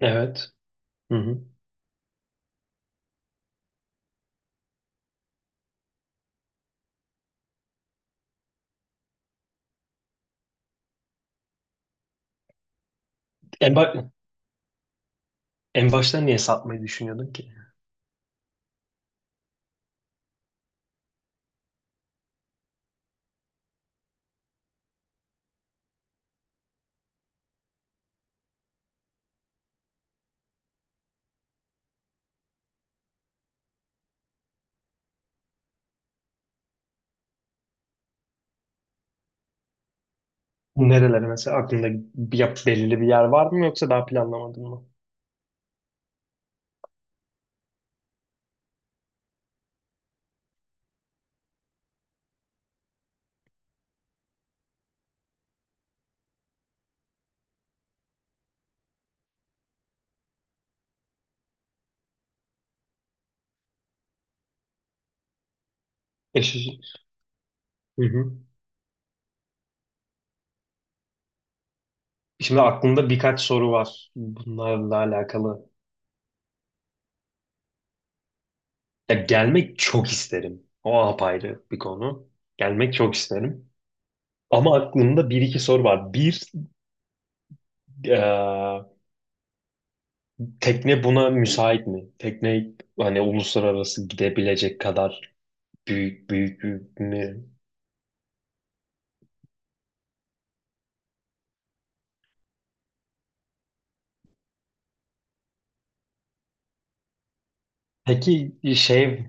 Evet. Hı hı. En, ba- En başta niye satmayı düşünüyordun ki? Nerelere mesela aklında belirli bir yer var mı yoksa daha planlamadın mı? Eşi. Hı hı. Şimdi aklımda birkaç soru var bunlarla alakalı. Ya gelmek çok isterim. O apayrı bir konu. Gelmek çok isterim. Ama aklımda bir iki soru var. Bir, eee, tekne buna müsait mi? Tekne hani uluslararası gidebilecek kadar büyük mü? Peki şey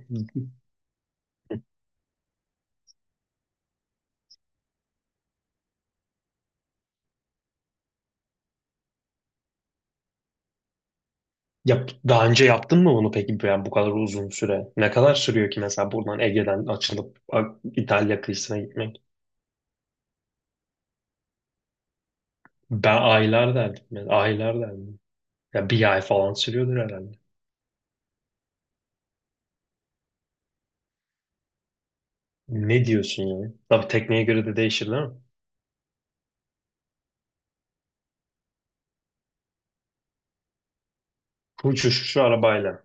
Yap, daha önce yaptın mı bunu peki yani bu kadar uzun süre? Ne kadar sürüyor ki mesela buradan Ege'den İtalya kıyısına gitmek? Ben aylar derdim. Yani aylar derdim. Ya bir ay falan sürüyordur herhalde. Ne diyorsun yani? Tabii tekneye göre de değişir değil mi? Uçuş şu arabayla.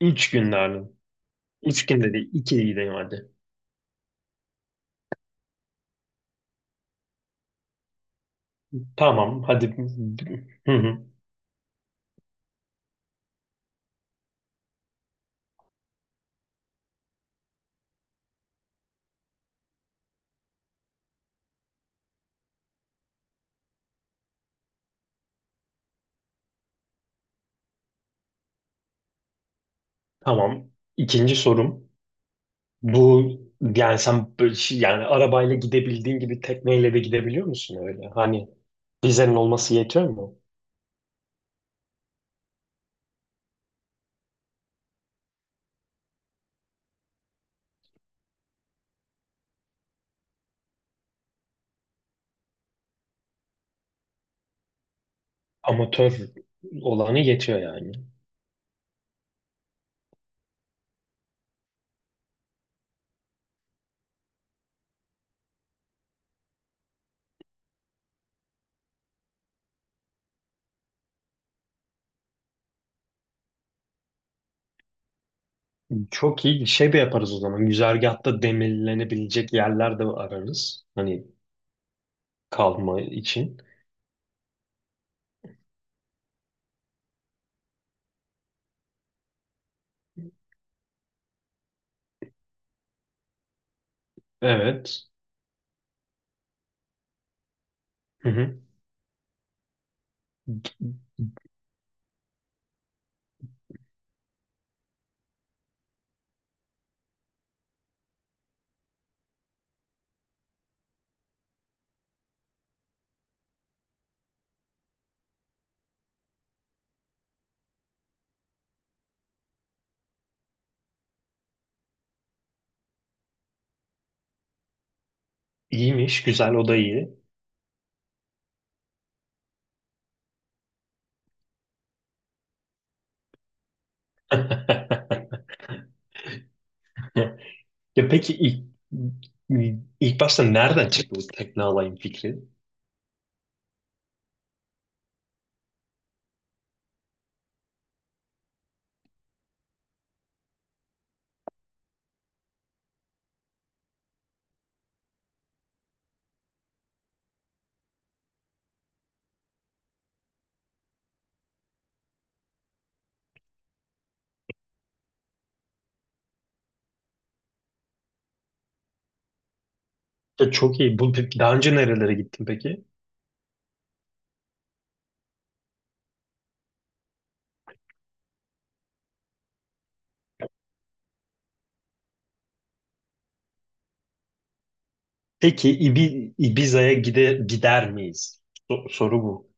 Üç gün derdim. Üç günde değil. İki gideyim hadi. Tamam hadi. Hı hı. Tamam. İkinci sorum. Bu yani sen yani arabayla gidebildiğin gibi tekneyle de gidebiliyor musun öyle? Hani vizenin olması yetiyor mu? Amatör olanı yetiyor yani. Çok iyi şey de yaparız o zaman. Güzergahta demirlenebilecek yerler de ararız. Hani kalma için. Evet. Hı hı. İyiymiş. Güzel. O da iyi. Ya peki ilk başta nereden çıktı bu tekne alayım fikri? Ya çok iyi. Bu, peki daha önce nerelere gittin peki? Peki Ibiza'ya gider miyiz? Soru bu.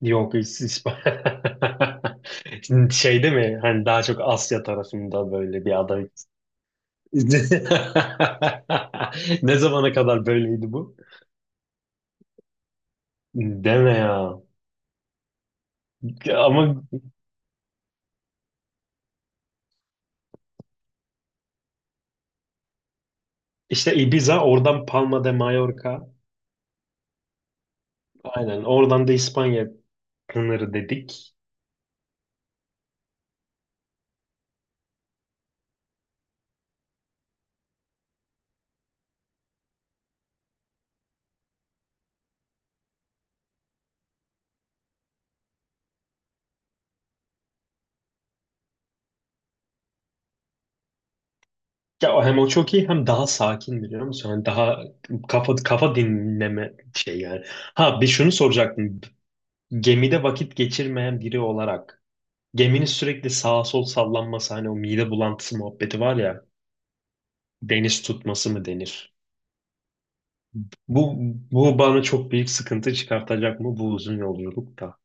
Yok Şimdi Şeyde mi? Hani daha çok Asya tarafında böyle bir ada. Ne zamana kadar böyleydi bu? Deme ya. Ama işte Ibiza, oradan Palma de Mallorca. Aynen. Oradan da İspanya sınırı dedik. Ya o hem o çok iyi hem daha sakin biliyor musun? Hani daha kafa dinleme şey yani. Ha bir şunu soracaktım. Gemide vakit geçirmeyen biri olarak geminin sürekli sağa sol sallanması hani o mide bulantısı muhabbeti var ya deniz tutması mı denir? Bu Bu bana çok büyük sıkıntı çıkartacak mı bu uzun yolculukta?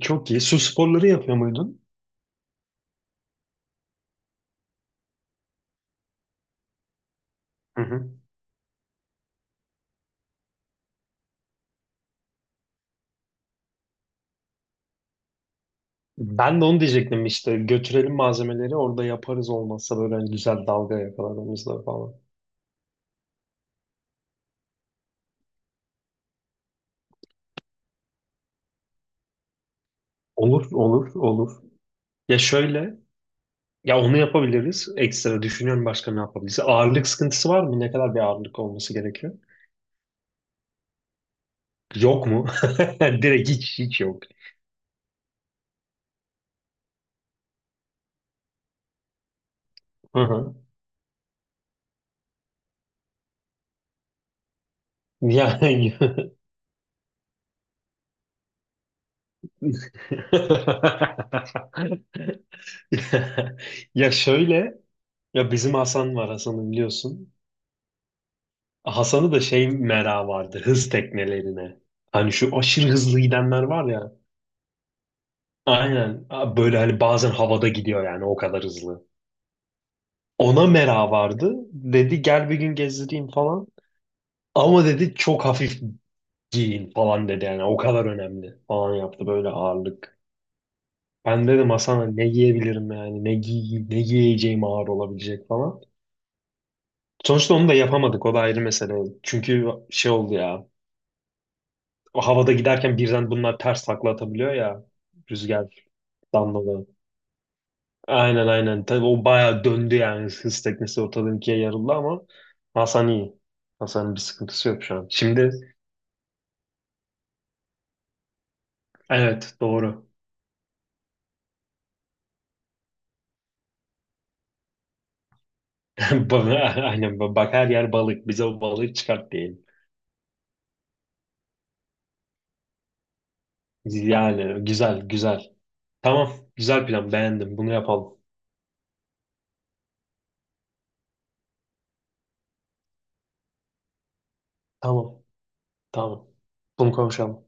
Çok iyi. Su sporları yapıyor muydun? Hı hı. Ben de onu diyecektim işte götürelim malzemeleri orada yaparız olmazsa böyle hani güzel dalga yakalarımızda falan. Olur, olur, olur. Ya şöyle, ya onu yapabiliriz. Ekstra düşünüyorum başka ne yapabiliriz. Ağırlık sıkıntısı var mı? Ne kadar bir ağırlık olması gerekiyor? Yok mu? Direkt hiç yok. Hı hı. Yani ya şöyle, ya bizim Hasan var, Hasan'ı biliyorsun. Hasan'ı da şey, merak vardı hız teknelerine. Hani şu aşırı hızlı gidenler var ya. Aynen. Böyle hani bazen havada gidiyor yani o kadar hızlı. Ona mera vardı. Dedi gel bir gün gezdireyim falan. Ama dedi çok hafif giyin falan dedi yani o kadar önemli falan yaptı böyle ağırlık. Ben dedim Hasan'a ne giyebilirim yani ne giyeceğim ağır olabilecek falan. Sonuçta onu da yapamadık o da ayrı mesele. Çünkü şey oldu ya o havada giderken birden bunlar ters takla atabiliyor ya rüzgardan dolayı. Aynen tabii o bayağı döndü yani hız teknesi ortadan ikiye yarıldı ama Hasan iyi. Hasan'ın bir sıkıntısı yok şu an. Şimdi evet doğru. Ba- Aynen, bak her yer balık. Bize o balığı çıkart diyelim. Yani güzel güzel. Tamam güzel plan, beğendim. Bunu yapalım. Tamam tamam. Bunu konuşalım.